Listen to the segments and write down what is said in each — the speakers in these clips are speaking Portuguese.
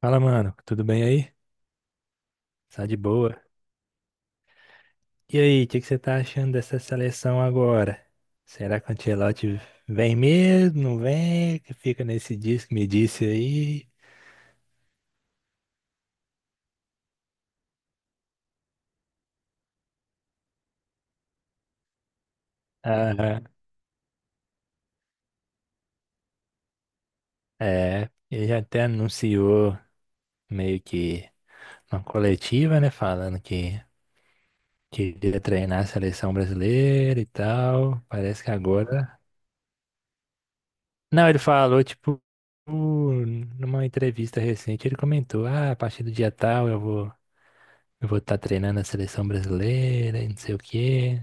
Fala, mano, tudo bem aí? Tá de boa? E aí, o que que você tá achando dessa seleção agora? Será que o Ancelotti vem mesmo? Não vem? Que fica nesse disco, me disse aí. Aham. É, ele já até anunciou meio que uma coletiva, né? Falando que queria treinar a seleção brasileira e tal. Parece que agora. Não, ele falou, tipo, numa entrevista recente, ele comentou: ah, a partir do dia tal eu vou estar treinando a seleção brasileira e não sei o quê.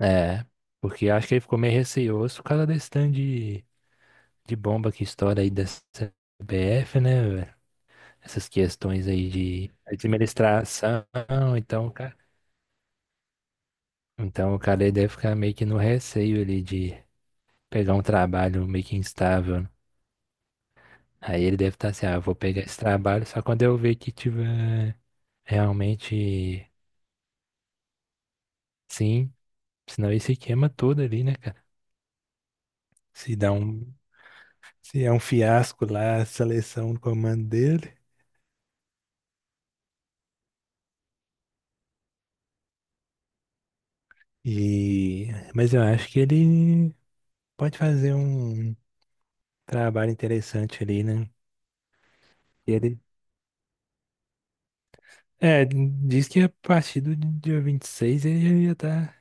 É, porque acho que ele ficou meio receoso por causa desse tanto de bomba que estoura aí da CBF, né, velho? Essas questões aí de administração, então, o cara aí deve ficar meio que no receio ali de pegar um trabalho meio que instável. Né? Aí ele deve estar assim, ah, eu vou pegar esse trabalho só quando eu ver que tiver realmente sim, senão ele se queima todo ali, né, cara? Se dá um Se é um fiasco lá a seleção do comando dele. E... Mas eu acho que ele pode fazer um trabalho interessante ali, né? E Ele... É, diz que a partir do dia 26 ele já tá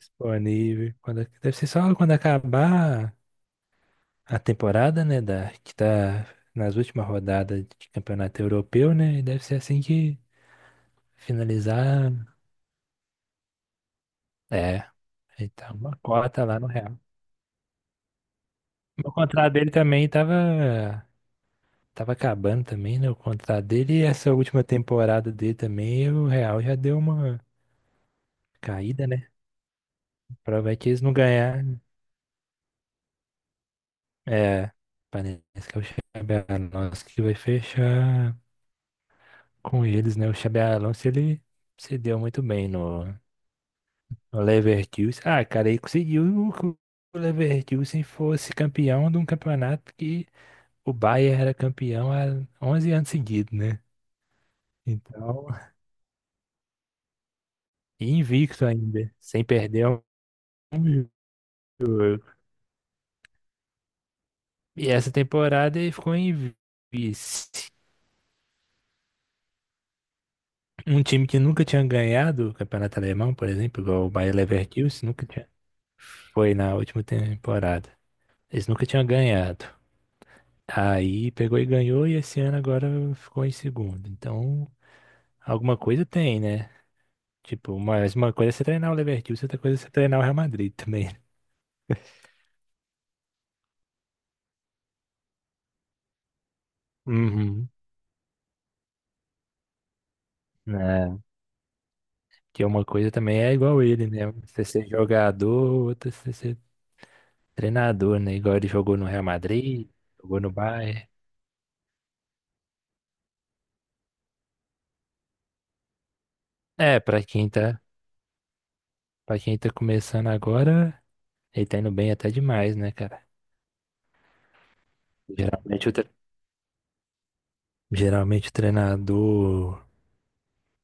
disponível. Quando... Deve ser só quando acabar a temporada, né? Da... Que tá nas últimas rodadas de campeonato europeu, né? E deve ser assim que finalizar. É, então uma cota lá no Real. O contrato dele também tava acabando também, né, o contrato dele e essa última temporada dele também, o Real já deu uma caída, né? Provavelmente eles não ganharam. É, parece que é o Xabi Alonso que vai fechar com eles, né? O Xabi Alonso, ele se deu muito bem no Leverkusen. Ah, cara, ele conseguiu que o Leverkusen fosse campeão de um campeonato que o Bayern era campeão há 11 anos seguidos, né? Então, e invicto ainda, sem perder um jogo. E essa temporada ele ficou em vice. Um time que nunca tinha ganhado o Campeonato Alemão, por exemplo, igual o Bayer Leverkusen, nunca tinha. Foi na última temporada. Eles nunca tinham ganhado. Aí pegou e ganhou, e esse ano agora ficou em segundo. Então, alguma coisa tem, né? Tipo, mas uma coisa é você treinar o Leverkusen, outra coisa é você treinar o Real Madrid também. Uhum. É, que é uma coisa também é igual ele, né? Você ser jogador, outra você ser treinador, né? Igual ele jogou no Real Madrid, jogou no Bayern. É, para quem tá começando agora, ele tá indo bem até demais, né, cara? Geralmente o treinador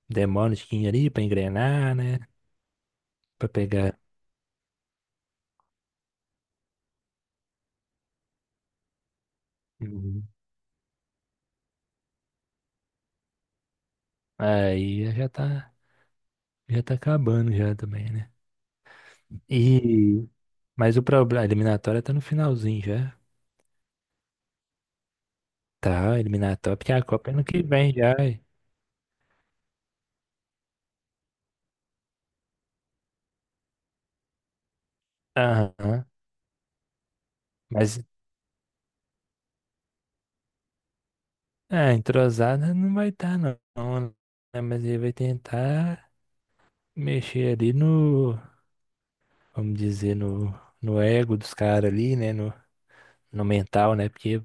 demora um tiquinho ali pra engrenar, né? Pra pegar. Uhum. Aí já tá acabando já também, né? E, mas o problema, a eliminatória tá no finalzinho já. Tá, a eliminatória, porque a Copa é ano que vem já. Aham. Mas Ah, entrosada não vai estar, não, não, né? Mas ele vai tentar mexer ali vamos dizer, no ego dos caras ali, né? No, no mental, né? Porque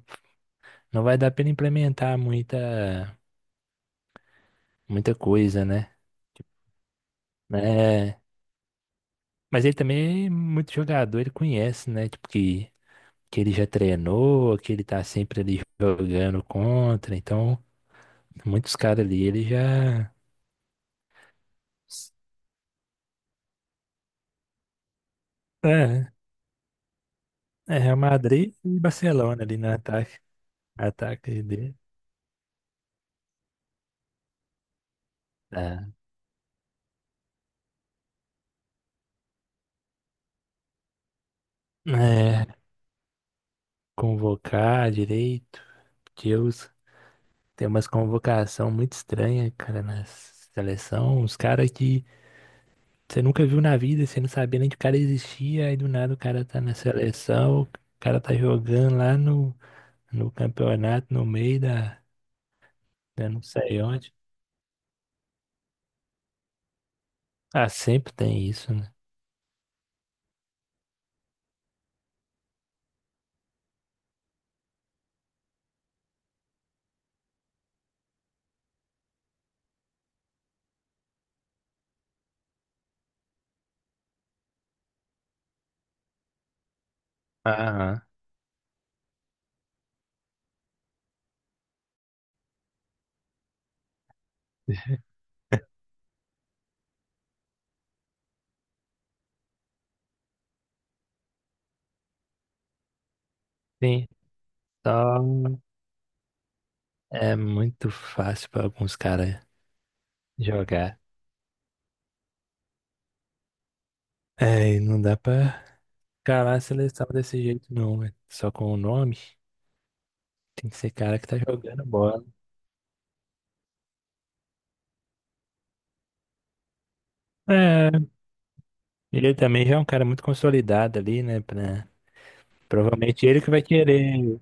não vai dar pra ele implementar muita coisa, né? né? Mas ele também é muito jogador, ele conhece, né? Tipo, que ele já treinou, que ele tá sempre ali jogando contra. Então, muitos caras ali, ele já. É, é, Real Madrid e Barcelona ali no ataque. Ataque de. Tá. É, convocar direito. Deus, tem umas convocação muito estranha, cara, na seleção. Os caras que você nunca viu na vida, você não sabia nem que o cara existia, aí do nada o cara tá na seleção, o cara tá jogando lá no campeonato, no meio da não sei onde. Ah, sempre tem isso, né? Aham. Sim, só é muito fácil pra alguns caras jogar. É, e não dá pra Cara, a seleção desse jeito não, velho. Só com o nome. Tem que ser cara que tá jogando bola. É, ele também já é um cara muito consolidado ali, né? Pra... Provavelmente ele que vai querer.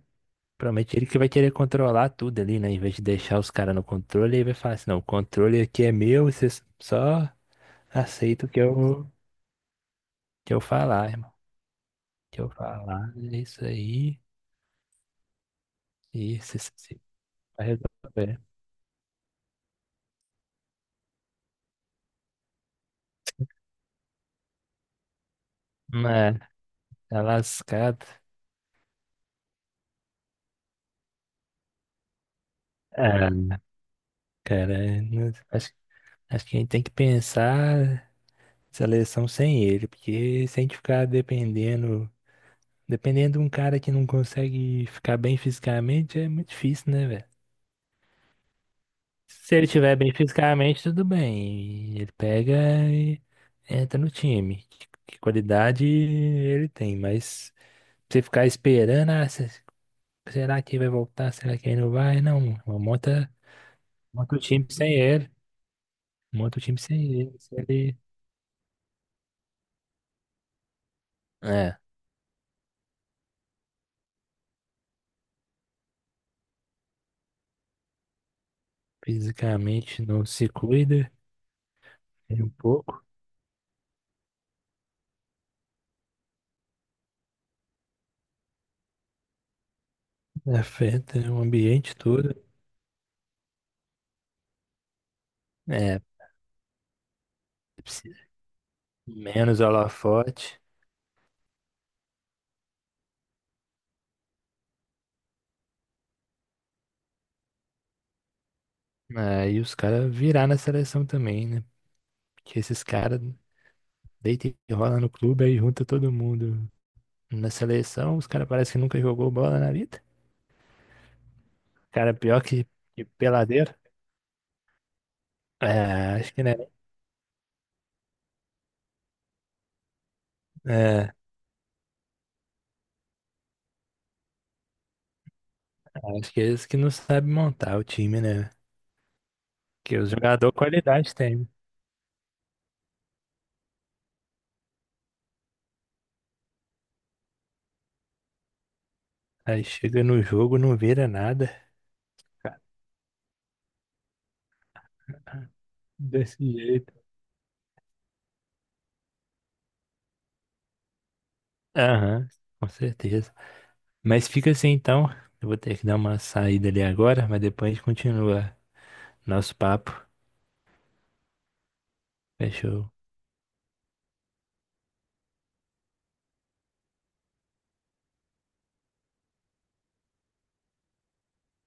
Provavelmente ele que vai querer controlar tudo ali, né? Em vez de deixar os caras no controle, ele vai falar assim, não, o controle aqui é meu, vocês só aceitam o que eu falar, irmão. O Que eu falar, é isso aí. E se vai resolver. Mas, tá lascado. Ah, cara, acho que a gente tem que pensar seleção sem ele, porque se a gente ficar dependendo de um cara que não consegue ficar bem fisicamente, é muito difícil, né, velho? Se ele estiver bem fisicamente, tudo bem. Ele pega e entra no time. Que qualidade ele tem, mas você ficar esperando, ah, será que vai voltar? Será que ele não vai? Não, mano. Monta o time sem ele. Monta o time sem ele. Se ele, é, fisicamente não se cuida. Tem um pouco, afeta o ambiente todo. É, precisa menos holofote. Aí os caras virar na seleção também, né? Porque esses caras deita e rola no clube, aí junta todo mundo na seleção. Os caras parecem que nunca jogou bola na vida. Cara pior que peladeiro. É, acho que né? É, acho que é eles que não sabem montar o time, né? Porque os jogadores qualidade tem. Aí chega no jogo, não vira nada. Desse jeito. Aham, com certeza. Mas fica assim então. Eu vou ter que dar uma saída ali agora, mas depois a gente continua nosso papo. Fechou.